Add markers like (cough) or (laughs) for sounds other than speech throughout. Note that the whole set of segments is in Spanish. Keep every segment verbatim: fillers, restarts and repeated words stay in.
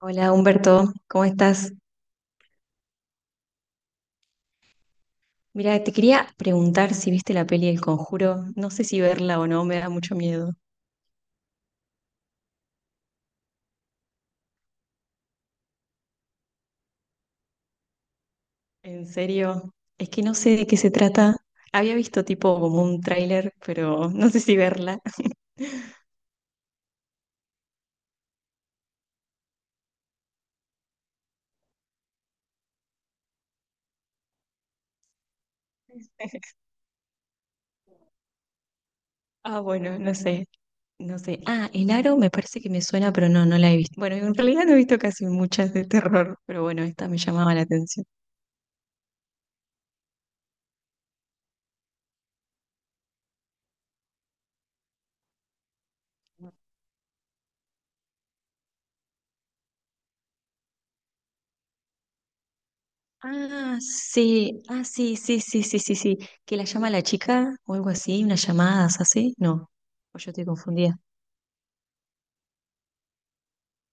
Hola Humberto, ¿cómo estás? Mira, te quería preguntar si viste la peli El Conjuro. No sé si verla o no, me da mucho miedo. En serio, es que no sé de qué se trata. Había visto tipo como un tráiler, pero (laughs) no sé si verla. (laughs) Ah, bueno, no sé, no sé. Ah, El Aro me parece que me suena, pero no, no la he visto. Bueno, en realidad no he visto casi muchas de terror, pero bueno, esta me llamaba la atención. Ah, sí, ah, sí, sí, sí, sí, sí, sí. Que la llama la chica o algo así, unas llamadas así. No, o yo estoy confundida.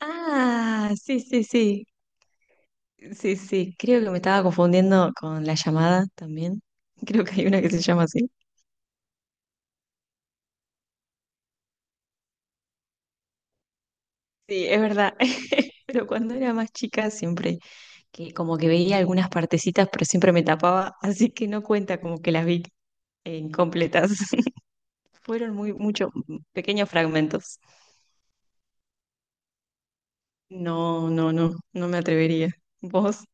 Ah, sí, sí, sí. Sí, sí. Creo que me estaba confundiendo con la llamada también. (laughs) Creo que hay una que se llama así. Sí, es verdad. (laughs) Pero cuando era más chica siempre que como que veía algunas partecitas, pero siempre me tapaba, (laughs) así que no cuenta como que las vi eh, incompletas. (laughs) Fueron muy muchos pequeños fragmentos. No, no, no, no me atrevería. ¿Vos?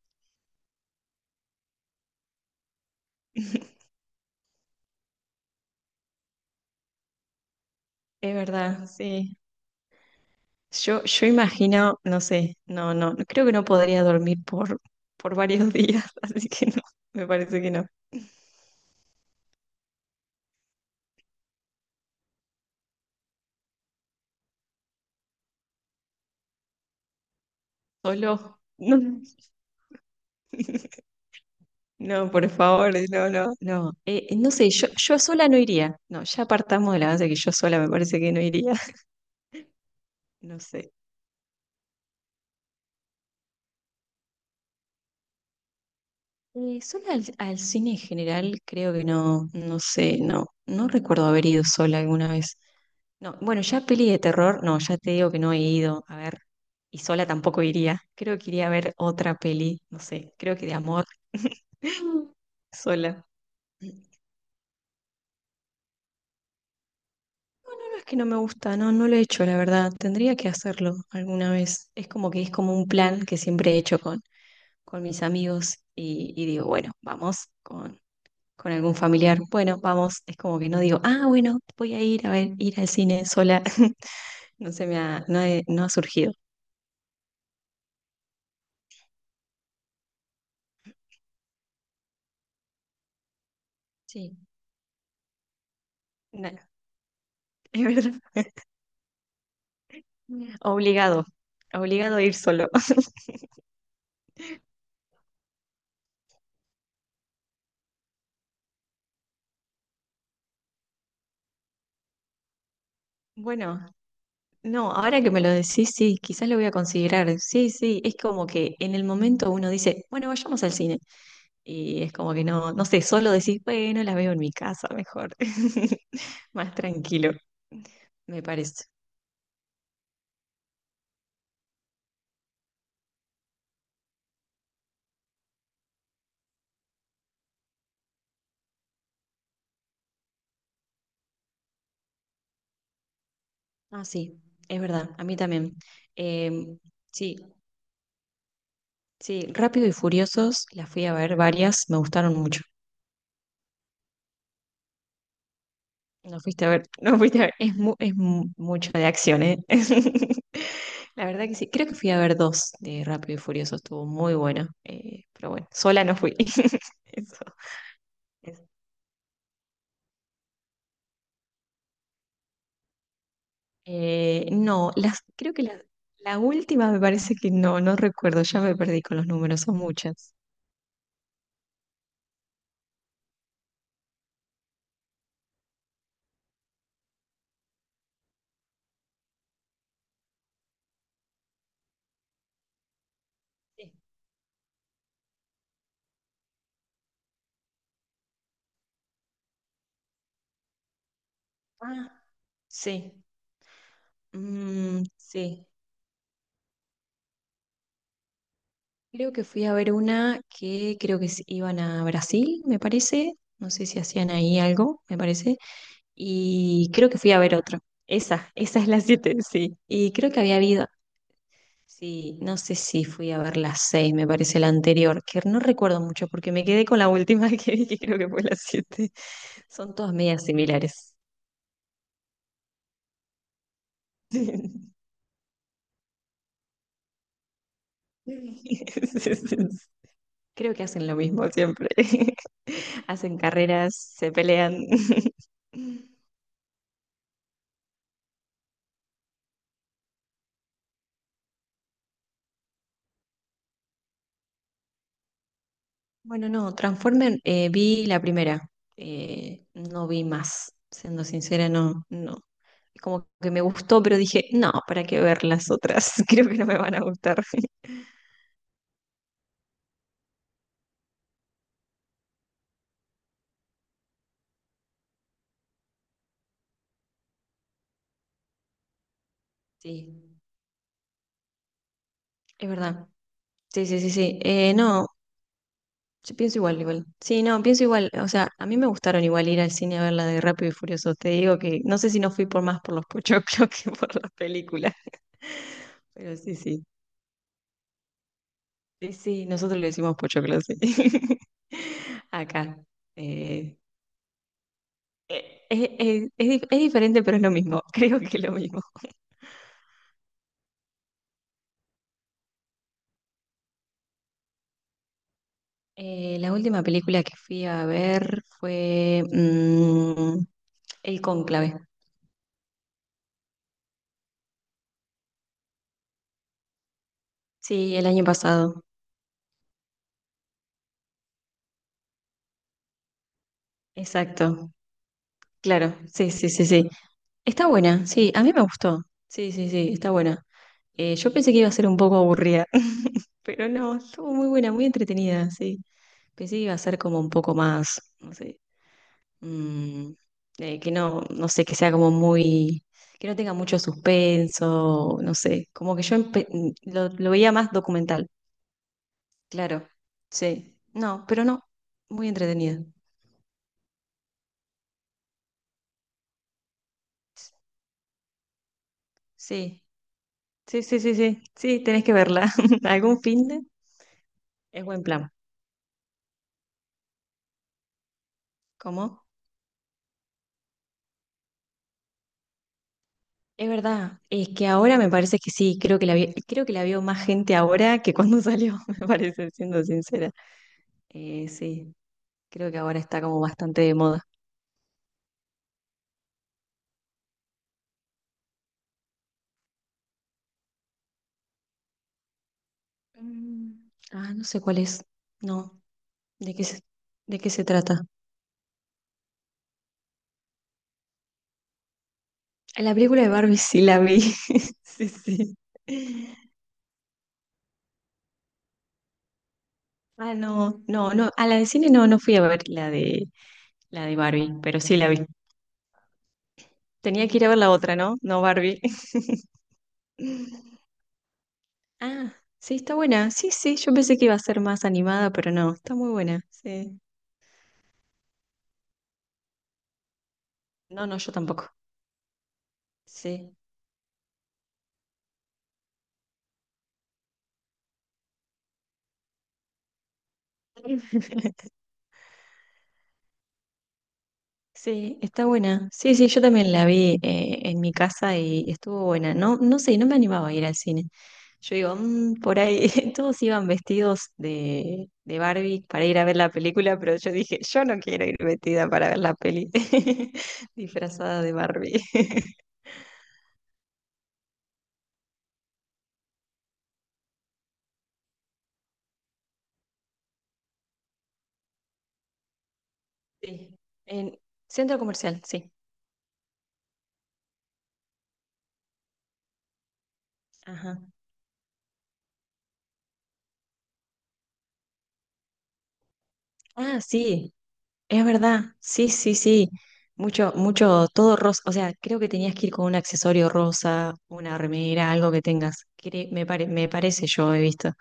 (laughs) Es verdad, sí. Yo, yo imagino, no sé, no, no, no, creo que no podría dormir por, por varios días, (laughs) así que no, me parece que no. Solo, (laughs) no, no, por favor, no, no, no. Eh, no sé, yo, yo sola no iría. No, ya partamos de la base que yo sola me parece que no iría. (laughs) No sé. Eh, sola al, al cine en general, creo que no, no sé, no, no recuerdo haber ido sola alguna vez. No, bueno, ya peli de terror, no, ya te digo que no he ido a ver, y sola tampoco iría. Creo que iría a ver otra peli, no sé, creo que de amor, (laughs) sola. No es que no me gusta, no, no lo he hecho, la verdad. Tendría que hacerlo alguna vez. Es como que es como un plan que siempre he hecho con, con mis amigos y, y digo, bueno, vamos con, con algún familiar. Bueno, vamos. Es como que no digo, ah, bueno, voy a ir a ver, ir al cine sola. (laughs) No se me ha, no he- no ha surgido. Sí, nada, (laughs) es verdad. Obligado, obligado a ir solo. (laughs) Bueno, no, ahora que me lo decís, sí, quizás lo voy a considerar. Sí, sí, es como que en el momento uno dice, bueno, vayamos al cine. Y es como que no, no sé, solo decís, bueno, la veo en mi casa mejor. (laughs) Más tranquilo, me parece. Ah, sí, es verdad, a mí también. Em, sí, sí, Rápido y Furiosos, las fui a ver varias, me gustaron mucho. No fuiste a ver, (laughs) no fuiste a ver, es, mu- es mu- mucho de acción, ¿eh? (laughs) La verdad que sí, creo que fui a ver dos de Rápido y Furioso, estuvo muy bueno, eh, pero bueno, sola no fui. (laughs) Eso, eso. Eh, no, las, creo que la, la última me parece que no, no recuerdo, ya me perdí con los números, son muchas. Sí. Ah, sí, mm, sí. Creo que fui a ver una que creo que se iban a Brasil, me parece, no sé si hacían ahí algo, me parece. Y creo que fui a ver otro. Esa, esa es la siete, sí. Y creo que había habido, sí, no sé si fui a ver la seis me parece la anterior, que no recuerdo mucho porque me quedé con la última (laughs) que vi, que creo que fue la siete. Son todas medias similares. (laughs) Sí, sí, sí. Creo que hacen lo mismo siempre. (laughs) Hacen carreras, se pelean. (laughs) Bueno, no, Transformer eh, vi la primera, eh, no vi más, siendo sincera, no, no. Como que me gustó, pero dije, no, ¿para qué ver las otras? (laughs) Creo que no me van a gustar. (laughs) Sí, es verdad. Sí, sí, sí, sí. Eh, no, yo pienso igual, igual. Sí, no, pienso igual. O sea, a mí me gustaron igual ir al cine a ver la de Rápido y Furioso. Te digo que no sé si no fui por más por los pochoclos (laughs) que por las películas. (laughs) Pero sí, sí. Sí, sí, nosotros le decimos pochoclo, sí. (laughs) Acá. Eh, eh, eh, eh, es, dif- es diferente, pero es lo mismo. (laughs) Creo que es lo mismo. Eh, la última película que fui a ver fue mm, El Cónclave. Sí, el año pasado. Exacto. Claro, sí, sí, sí, sí. Está buena, sí, a mí me gustó. Sí, sí, sí, está buena. Eh, yo pensé que iba a ser un poco aburrida, (laughs) pero no, estuvo muy buena, muy entretenida, sí. Pensé que iba a ser como un poco más, no sé, mm, eh, que no, no sé, que sea como muy, que no tenga mucho suspenso, no sé, como que yo empe- mm, lo, lo veía más documental, claro, sí, no, pero no, muy entretenida, sí, sí, sí, sí, sí, sí, tenés que verla, (laughs) algún fin de, es buen plan. ¿Cómo? Es verdad, es que ahora me parece que sí, creo que la vi- creo que la vio más gente ahora que cuando (laughs) salió, me parece, siendo sincera. Eh, sí, creo que ahora está como bastante de moda. Mm, ah, no sé cuál es. No, ¿de qué se, ¿de qué se trata? La película de Barbie sí la vi. (laughs) Sí, sí. Ah, no, no, no. A la de cine no, no fui a ver la de la de Barbie, pero sí la vi. Tenía que ir a ver la otra, ¿no? No Barbie. (laughs) Ah, sí, está buena. Sí, sí, yo pensé que iba a ser más animada, pero no, está muy buena. Sí. No, no, yo tampoco. Sí. (laughs) Sí, está buena. Sí, sí, yo también la vi eh, en mi casa y estuvo buena. No, no sé, no me animaba a ir al cine. Yo digo, "Mm, por ahí (laughs) todos iban vestidos de, de Barbie para ir a ver la película, pero yo dije, yo no quiero ir vestida para ver la peli (laughs) disfrazada de Barbie. (laughs) Sí. En centro comercial, sí. Ajá. Ah, sí, es verdad, sí, sí, sí. Mucho, mucho, todo rosa. O sea, creo que tenías que ir con un accesorio rosa, una remera, algo que tengas. Cre- me pare- me parece, yo he visto.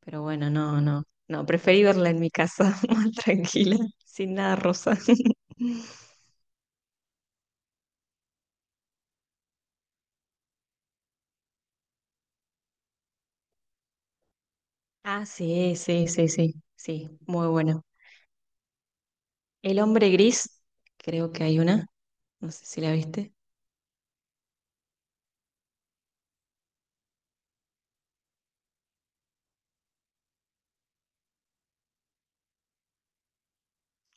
Pero bueno, no, no. No, preferí verla en mi casa, (laughs) más tranquila, sin nada rosa. (laughs) Ah, sí, sí, sí, sí. Sí, muy bueno. El hombre gris, creo que hay una. No sé si la viste.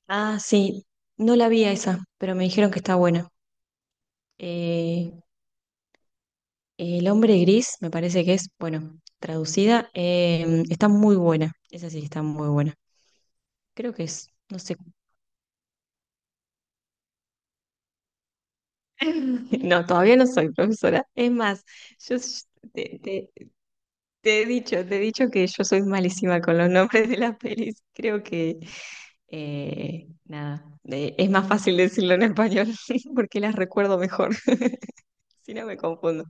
Ah, sí. No la vi a esa, pero me dijeron que está buena. Eh, El hombre gris, me parece que es, bueno, traducida, eh, está muy buena. Esa sí que está muy buena. Creo que es, no sé. (laughs) No, todavía no soy profesora. Es más, yo s- te, te- te he dicho, te he dicho que yo soy malísima con los nombres de las pelis. Creo que, eh, nada, eh, es más fácil decirlo en español (laughs) porque las recuerdo mejor. (laughs) Si no me confundo.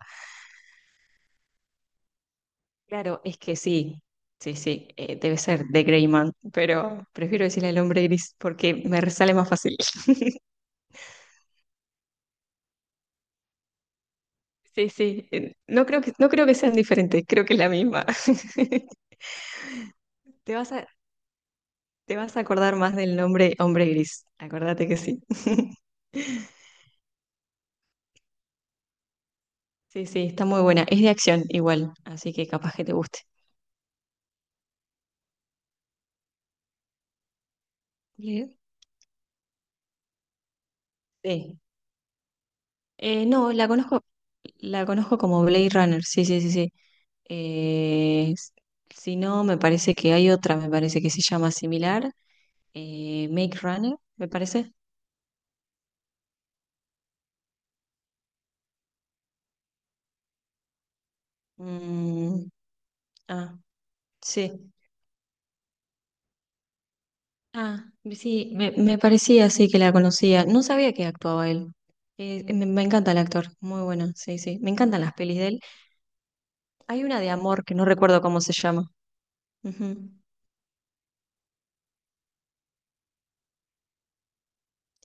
Claro, es que sí, sí, sí, eh, debe ser de Grey Man, pero prefiero decirle el hombre gris porque me sale más fácil. (laughs) Sí, sí, eh, no creo que, no creo que sean diferentes, creo que es la misma. (laughs) Te vas a, te vas a acordar más del nombre hombre gris, acordate que sí. (laughs) Sí, sí, está muy buena, es de acción igual, así que capaz que te guste. Bien. Sí. Eh, no, la conozco, la conozco como Blade Runner, sí, sí, sí, sí. Eh, s- si no, me parece que hay otra, me parece que se llama similar, eh, Make Runner, me parece. Mm, ah, sí. Ah, sí, me, me parecía así que la conocía. No sabía que actuaba él. Eh, me, me encanta el actor, muy bueno, sí, sí. Me encantan las pelis de él. Hay una de amor que no recuerdo cómo se llama. Ujú.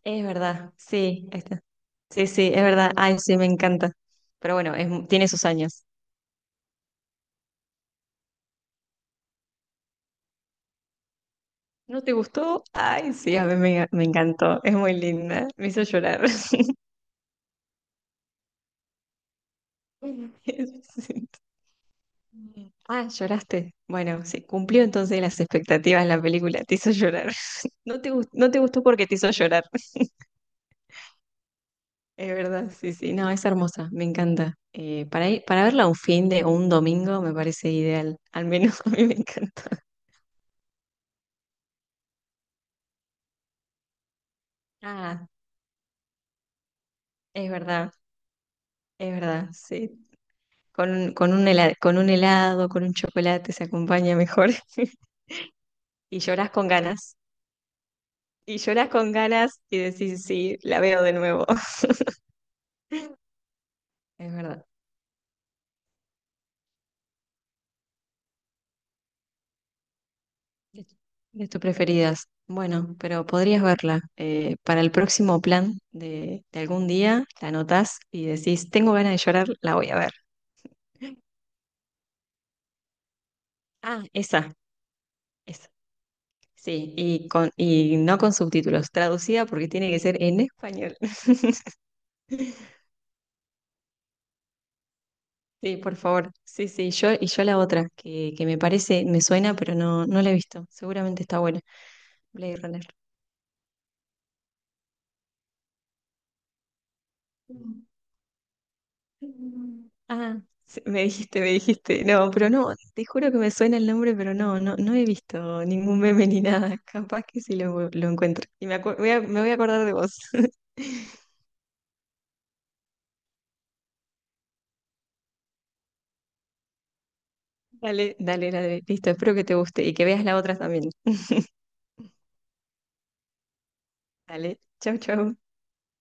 Es verdad, sí, ahí está. Sí, sí, es verdad. Ay, sí, me encanta. Pero bueno, es tiene sus años. ¿No te gustó? Ay, sí, a mí me, me encantó. Es muy linda. Me hizo llorar. (laughs) Sí. Ah, lloraste. Bueno, sí, cumplió entonces las expectativas la película. Te hizo llorar. (laughs) No te, gus- no te gustó porque te hizo llorar. (laughs) Es verdad, sí, sí. No, es hermosa. Me encanta. Eh, para ir, para verla un fin de o un domingo me parece ideal. Al menos (laughs) a mí me encanta. Ah, es verdad, es verdad, sí. Con, un- con un helado, con un helado, con un chocolate se acompaña mejor. (laughs) Y lloras con ganas. Y lloras con ganas y decís, sí, la veo de nuevo. (laughs) Es verdad. De de tus preferidas. Bueno, pero podrías verla. eh, para el próximo plan de, de algún día, la anotás y decís, tengo ganas de llorar, la voy a ver. Ah, esa, esa. Sí, y, con, y no con subtítulos, traducida porque tiene que ser en español. (laughs) Sí, por favor. Sí, sí, yo y yo la otra, que, que me parece, me suena, pero no, no la he visto. Seguramente está buena. Blade Runner. Mm. Ah, sí, me dijiste, me dijiste. No, pero no, te juro que me suena el nombre, pero no, no, no he visto ningún meme ni nada. (laughs) Capaz que sí lo, lo encuentro. Y me, acu- voy a, me voy a acordar de vos. (laughs) Dale, dale, dale. Listo, espero que te guste y que veas la otra también. (laughs) Dale, chau, chau.